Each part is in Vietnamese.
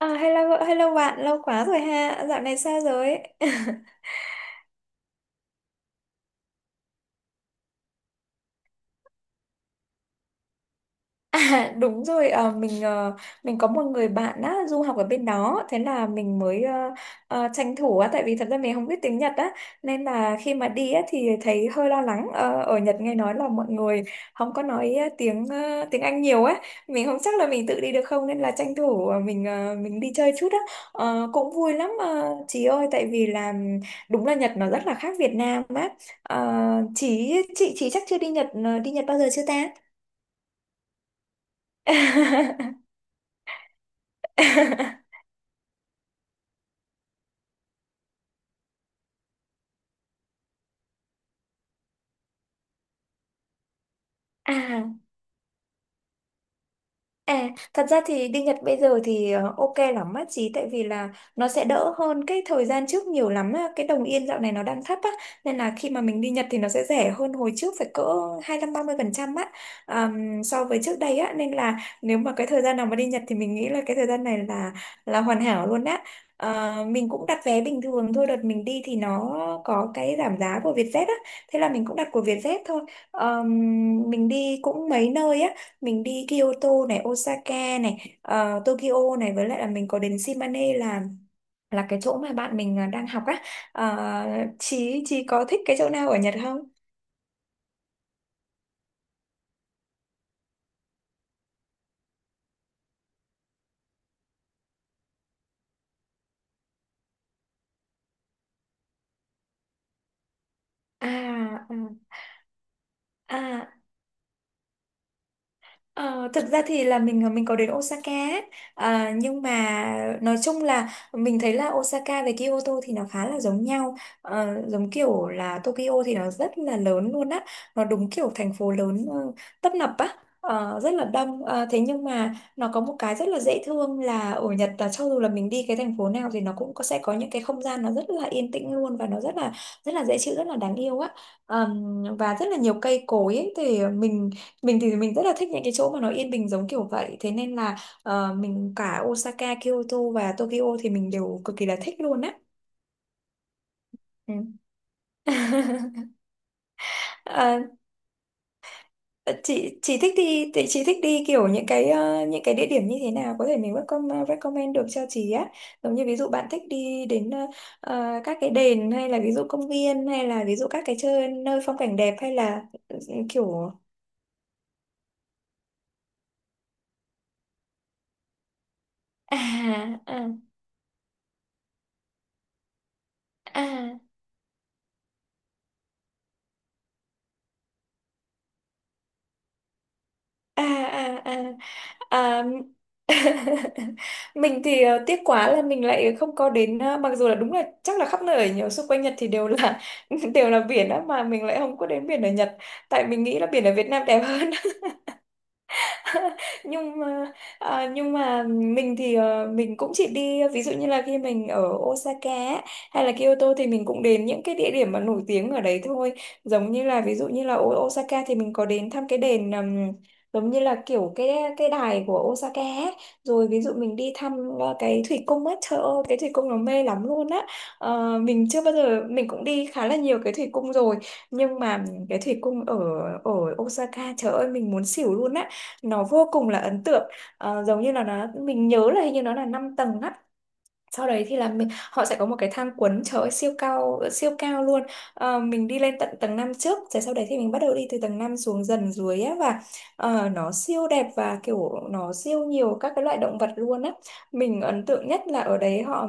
À, hello, hello bạn, lâu quá rồi ha. Dạo này sao rồi? À, đúng rồi mình có một người bạn á, du học ở bên đó. Thế là mình mới tranh thủ á, tại vì thật ra mình không biết tiếng Nhật á, nên là khi mà đi á thì thấy hơi lo lắng. Ờ, ở Nhật nghe nói là mọi người không có nói tiếng Anh nhiều á. Mình không chắc là mình tự đi được không, nên là tranh thủ mình đi chơi chút á. Ờ, cũng vui lắm, chị ơi, tại vì là đúng là Nhật nó rất là khác Việt Nam á. Ờ, chị chắc chưa đi đi Nhật bao giờ chưa ta? à. À, thật ra thì đi Nhật bây giờ thì ok lắm á chị, tại vì là nó sẽ đỡ hơn cái thời gian trước nhiều lắm á. Cái đồng yên dạo này nó đang thấp á, nên là khi mà mình đi Nhật thì nó sẽ rẻ hơn hồi trước phải cỡ 25-30% á. So với trước đây á, nên là nếu mà cái thời gian nào mà đi Nhật thì mình nghĩ là cái thời gian này là hoàn hảo luôn á. Ờ, mình cũng đặt vé bình thường thôi, đợt mình đi thì nó có cái giảm giá của Vietjet á, thế là mình cũng đặt của Vietjet thôi. Ờm, mình đi cũng mấy nơi á, mình đi Kyoto này, Osaka này, Tokyo này, với lại là mình có đến Shimane là cái chỗ mà bạn mình à, đang học á. Ờ, chị có thích cái chỗ nào ở Nhật không? À à à. Ờ, thực ra thì là mình có đến Osaka ấy. À, nhưng mà nói chung là mình thấy là Osaka với Kyoto thì nó khá là giống nhau. Ờ, giống kiểu là Tokyo thì nó rất là lớn luôn á, nó đúng kiểu thành phố lớn, tấp nập á. Ờ, rất là đông. Ờ, thế nhưng mà nó có một cái rất là dễ thương là ở Nhật, là cho dù là mình đi cái thành phố nào thì nó cũng có, sẽ có những cái không gian nó rất là yên tĩnh luôn, và nó rất là dễ chịu, rất là đáng yêu á. Và rất là nhiều cây cối ấy, thì mình thì mình rất là thích những cái chỗ mà nó yên bình giống kiểu vậy, thế nên là mình, cả Osaka, Kyoto và Tokyo thì mình đều cực kỳ là thích luôn á. Ừ. Ờ, chị thích đi thì chị thích đi kiểu những cái những cái địa điểm như thế nào có thể mình recommend được cho chị á, giống như ví dụ bạn thích đi đến các cái đền, hay là ví dụ công viên, hay là ví dụ các cái chơi nơi phong cảnh đẹp, hay là ừ, kiểu à à à à à à, à. Mình thì tiếc quá là mình lại không có đến mặc dù là đúng là chắc là khắp nơi ở nhiều xung quanh Nhật thì đều là đều là biển á, mà mình lại không có đến biển ở Nhật, tại mình nghĩ là biển ở Việt Nam đẹp hơn. Nhưng mà, à, nhưng mà mình thì mình cũng chỉ đi ví dụ như là khi mình ở Osaka á, hay là Kyoto, thì mình cũng đến những cái địa điểm mà nổi tiếng ở đấy thôi, giống như là ví dụ như là ở Osaka thì mình có đến thăm cái đền, giống như là kiểu cái đài của Osaka á. Rồi ví dụ mình đi thăm cái thủy cung á, trời ơi, cái thủy cung nó mê lắm luôn á. Ờ, mình chưa bao giờ, mình cũng đi khá là nhiều cái thủy cung rồi, nhưng mà cái thủy cung ở ở Osaka, trời ơi, mình muốn xỉu luôn á, nó vô cùng là ấn tượng. Ờ, giống như là nó, mình nhớ là hình như nó là 5 tầng á, sau đấy thì là mình, họ sẽ có một cái thang cuốn, trời ơi, siêu cao luôn. Ờ, mình đi lên tận tầng 5 trước, rồi sau đấy thì mình bắt đầu đi từ tầng 5 xuống dần dưới á, và nó siêu đẹp, và kiểu nó siêu nhiều các cái loại động vật luôn á. Mình ấn tượng nhất là ở đấy họ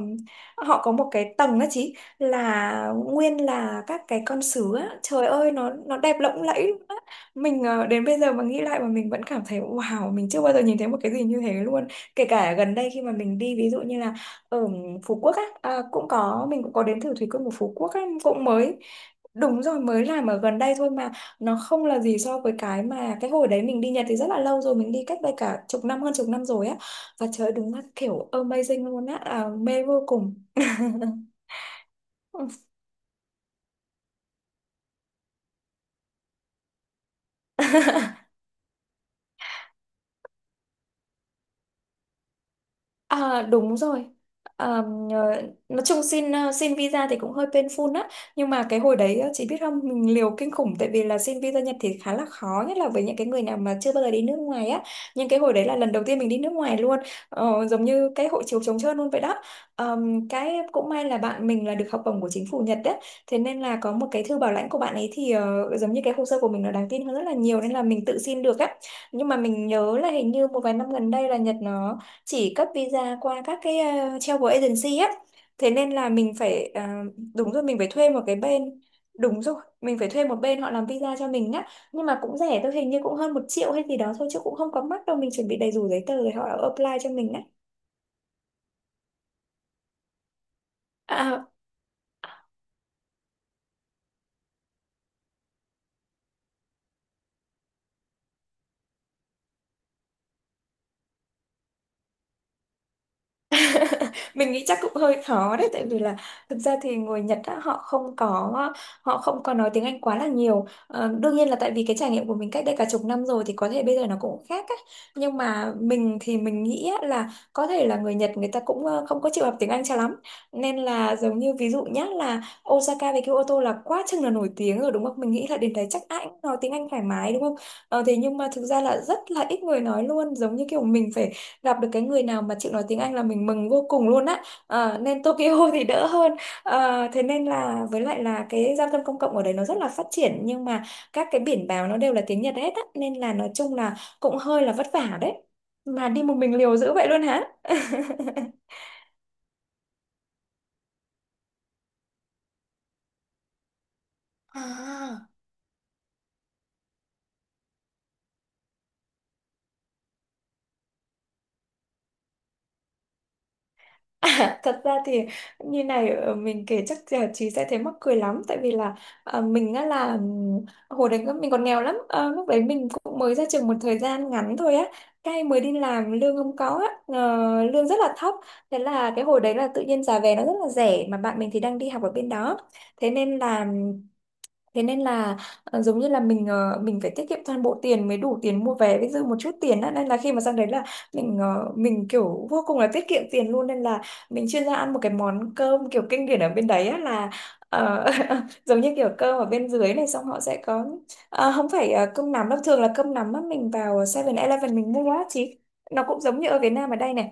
họ có một cái tầng á chị, là nguyên là các cái con sứa á, trời ơi, nó đẹp lộng lẫy luôn á. Mình đến bây giờ mà nghĩ lại mà mình vẫn cảm thấy wow, mình chưa bao giờ nhìn thấy một cái gì như thế luôn, kể cả gần đây khi mà mình đi ví dụ như là ở Phú Quốc á, à, cũng có, mình cũng có đến thử thủy cung của Phú Quốc á, cũng mới, đúng rồi, mới làm ở gần đây thôi mà, nó không là gì so với cái mà cái hồi đấy mình đi Nhật thì rất là lâu rồi, mình đi cách đây cả chục năm, hơn chục năm rồi á. Và trời ơi, đúng là kiểu amazing luôn á, à, mê vô cùng. À, đúng rồi. À, ờ, nói chung xin xin visa thì cũng hơi painful á, nhưng mà cái hồi đấy chị biết không, mình liều kinh khủng, tại vì là xin visa Nhật thì khá là khó, nhất là với những cái người nào mà chưa bao giờ đi nước ngoài á, nhưng cái hồi đấy là lần đầu tiên mình đi nước ngoài luôn. Ờ, giống như cái hộ chiếu trống trơn luôn vậy đó. Cái cũng may là bạn mình là được học bổng của chính phủ Nhật đấy, thế nên là có một cái thư bảo lãnh của bạn ấy, thì giống như cái hồ sơ của mình nó đáng tin hơn rất là nhiều, nên là mình tự xin được á. Nhưng mà mình nhớ là hình như một vài năm gần đây là Nhật nó chỉ cấp visa qua các cái travel agency á, thế nên là đúng rồi, mình phải thuê một cái bên đúng rồi mình phải thuê một bên họ làm visa cho mình á, nhưng mà cũng rẻ thôi, hình như cũng hơn 1 triệu hay gì đó thôi, chứ cũng không có mắc đâu. Mình chuẩn bị đầy đủ giấy tờ rồi họ apply cho mình á. À, mình nghĩ chắc cũng hơi khó đấy, tại vì là thực ra thì người Nhật á, họ không có nói tiếng Anh quá là nhiều. Ờ, đương nhiên là tại vì cái trải nghiệm của mình cách đây cả chục năm rồi, thì có thể bây giờ nó cũng khác á, nhưng mà mình thì mình nghĩ á, là có thể là người Nhật người ta cũng không có chịu học tiếng Anh cho lắm, nên là giống như ví dụ nhá, là Osaka với Kyoto là quá chừng là nổi tiếng rồi, đúng không? Mình nghĩ là đến đấy chắc ai cũng nói tiếng Anh thoải mái, đúng không? Ờ, thế nhưng mà thực ra là rất là ít người nói luôn, giống như kiểu mình phải gặp được cái người nào mà chịu nói tiếng Anh là mình mừng vô cùng luôn á. Ờ, nên Tokyo thì đỡ hơn. Ờ, thế nên là với lại là cái giao thông công cộng ở đấy nó rất là phát triển, nhưng mà các cái biển báo nó đều là tiếng Nhật hết á, nên là nói chung là cũng hơi là vất vả đấy, mà đi một mình liều dữ vậy luôn hả? À. À, thật ra thì như này, mình kể chắc là chị sẽ thấy mắc cười lắm, tại vì là ờ, mình á là hồi đấy mình còn nghèo lắm. Ờ, lúc đấy mình cũng mới ra trường một thời gian ngắn thôi á, cái mới đi làm lương không có á, lương rất là thấp. Thế là cái hồi đấy là tự nhiên giá vé nó rất là rẻ, mà bạn mình thì đang đi học ở bên đó, thế nên là Thế nên là ờ, giống như là mình phải tiết kiệm toàn bộ tiền mới đủ tiền mua vé với dư một chút tiền á. Nên là khi mà sang đấy là mình kiểu vô cùng là tiết kiệm tiền luôn, nên là mình chuyên ra ăn một cái món cơm kiểu kinh điển ở bên đấy á là ờ, giống như kiểu cơm ở bên dưới này, xong họ sẽ có, ờ, không phải ờ, cơm nắm đâu, thường là cơm nắm á, mình vào 7-Eleven mình mua á chị, nó cũng giống như ở Việt Nam ở đây này.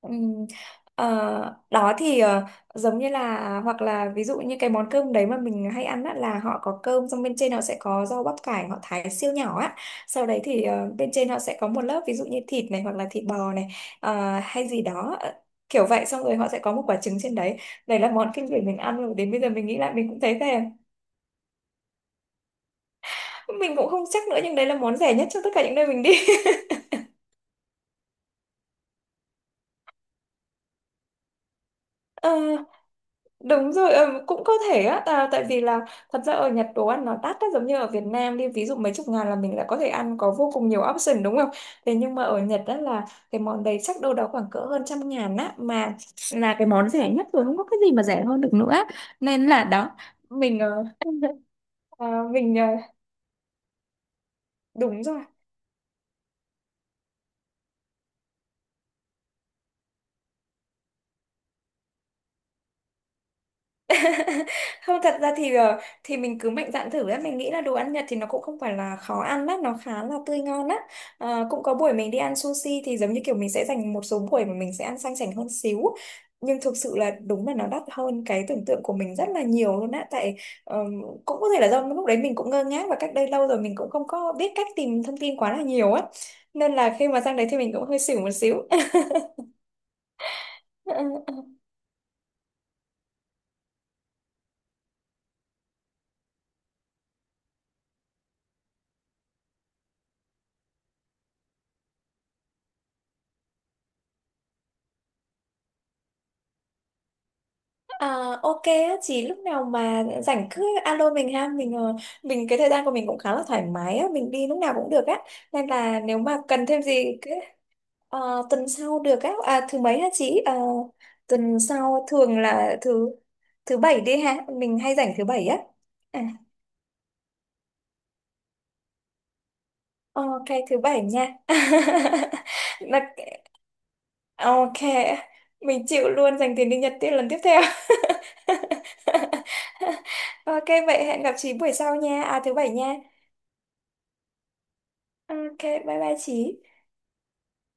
Ừm, ờ, đó thì ờ, Giống như là, hoặc là ví dụ như cái món cơm đấy mà mình hay ăn á, là họ có cơm, xong bên trên họ sẽ có rau bắp cải họ thái siêu nhỏ á, sau đấy thì bên trên họ sẽ có một lớp ví dụ như thịt này, hoặc là thịt bò này, hay gì đó, kiểu vậy, xong rồi họ sẽ có một quả trứng trên đấy. Đấy là món kinh điển mình ăn, rồi đến bây giờ mình nghĩ lại mình cũng thấy thèm. Mình cũng không chắc nữa, nhưng đấy là món rẻ nhất trong tất cả những nơi mình đi. Ờ, đúng rồi, cũng có thể á, à, tại vì là thật ra ở Nhật đồ ăn nó đắt á, giống như ở Việt Nam đi, ví dụ mấy chục ngàn là mình đã có thể ăn, có vô cùng nhiều option đúng không? Thế nhưng mà ở Nhật đó là cái món đấy chắc đâu đó khoảng cỡ hơn trăm ngàn á, mà là cái món rẻ nhất rồi, không có cái gì mà rẻ hơn được nữa. Nên là đó, mình, ờ, ờ, mình, ờ, đúng rồi. Không, thật ra thì mình cứ mạnh dạn thử ấy, mình nghĩ là đồ ăn Nhật thì nó cũng không phải là khó ăn lắm, nó khá là tươi ngon á. Ờ, cũng có buổi mình đi ăn sushi thì giống như kiểu mình sẽ dành một số buổi mà mình sẽ ăn sang chảnh hơn xíu, nhưng thực sự là đúng là nó đắt hơn cái tưởng tượng của mình rất là nhiều luôn á, tại ờ, cũng có thể là do lúc đấy mình cũng ngơ ngác, và cách đây lâu rồi mình cũng không có biết cách tìm thông tin quá là nhiều á, nên là khi mà sang đấy thì mình cũng hơi xỉu một xíu. À, ok á, chỉ lúc nào mà rảnh cứ alo mình ha. Mình, cái thời gian của mình cũng khá là thoải mái á, mình đi lúc nào cũng được á, nên là nếu mà cần thêm gì cứ. Tuần sau được á, à, thứ mấy hả chị? Ờ, tuần sau thường là thứ thứ bảy đi ha, mình hay rảnh thứ bảy á. À, ok, thứ bảy nha. Là- ok, mình chịu luôn, dành tiền đi Nhật tiếp lần tiếp theo. Ok, vậy hẹn gặp chị buổi sau nha, à thứ bảy nha. Ok, bye bye chị.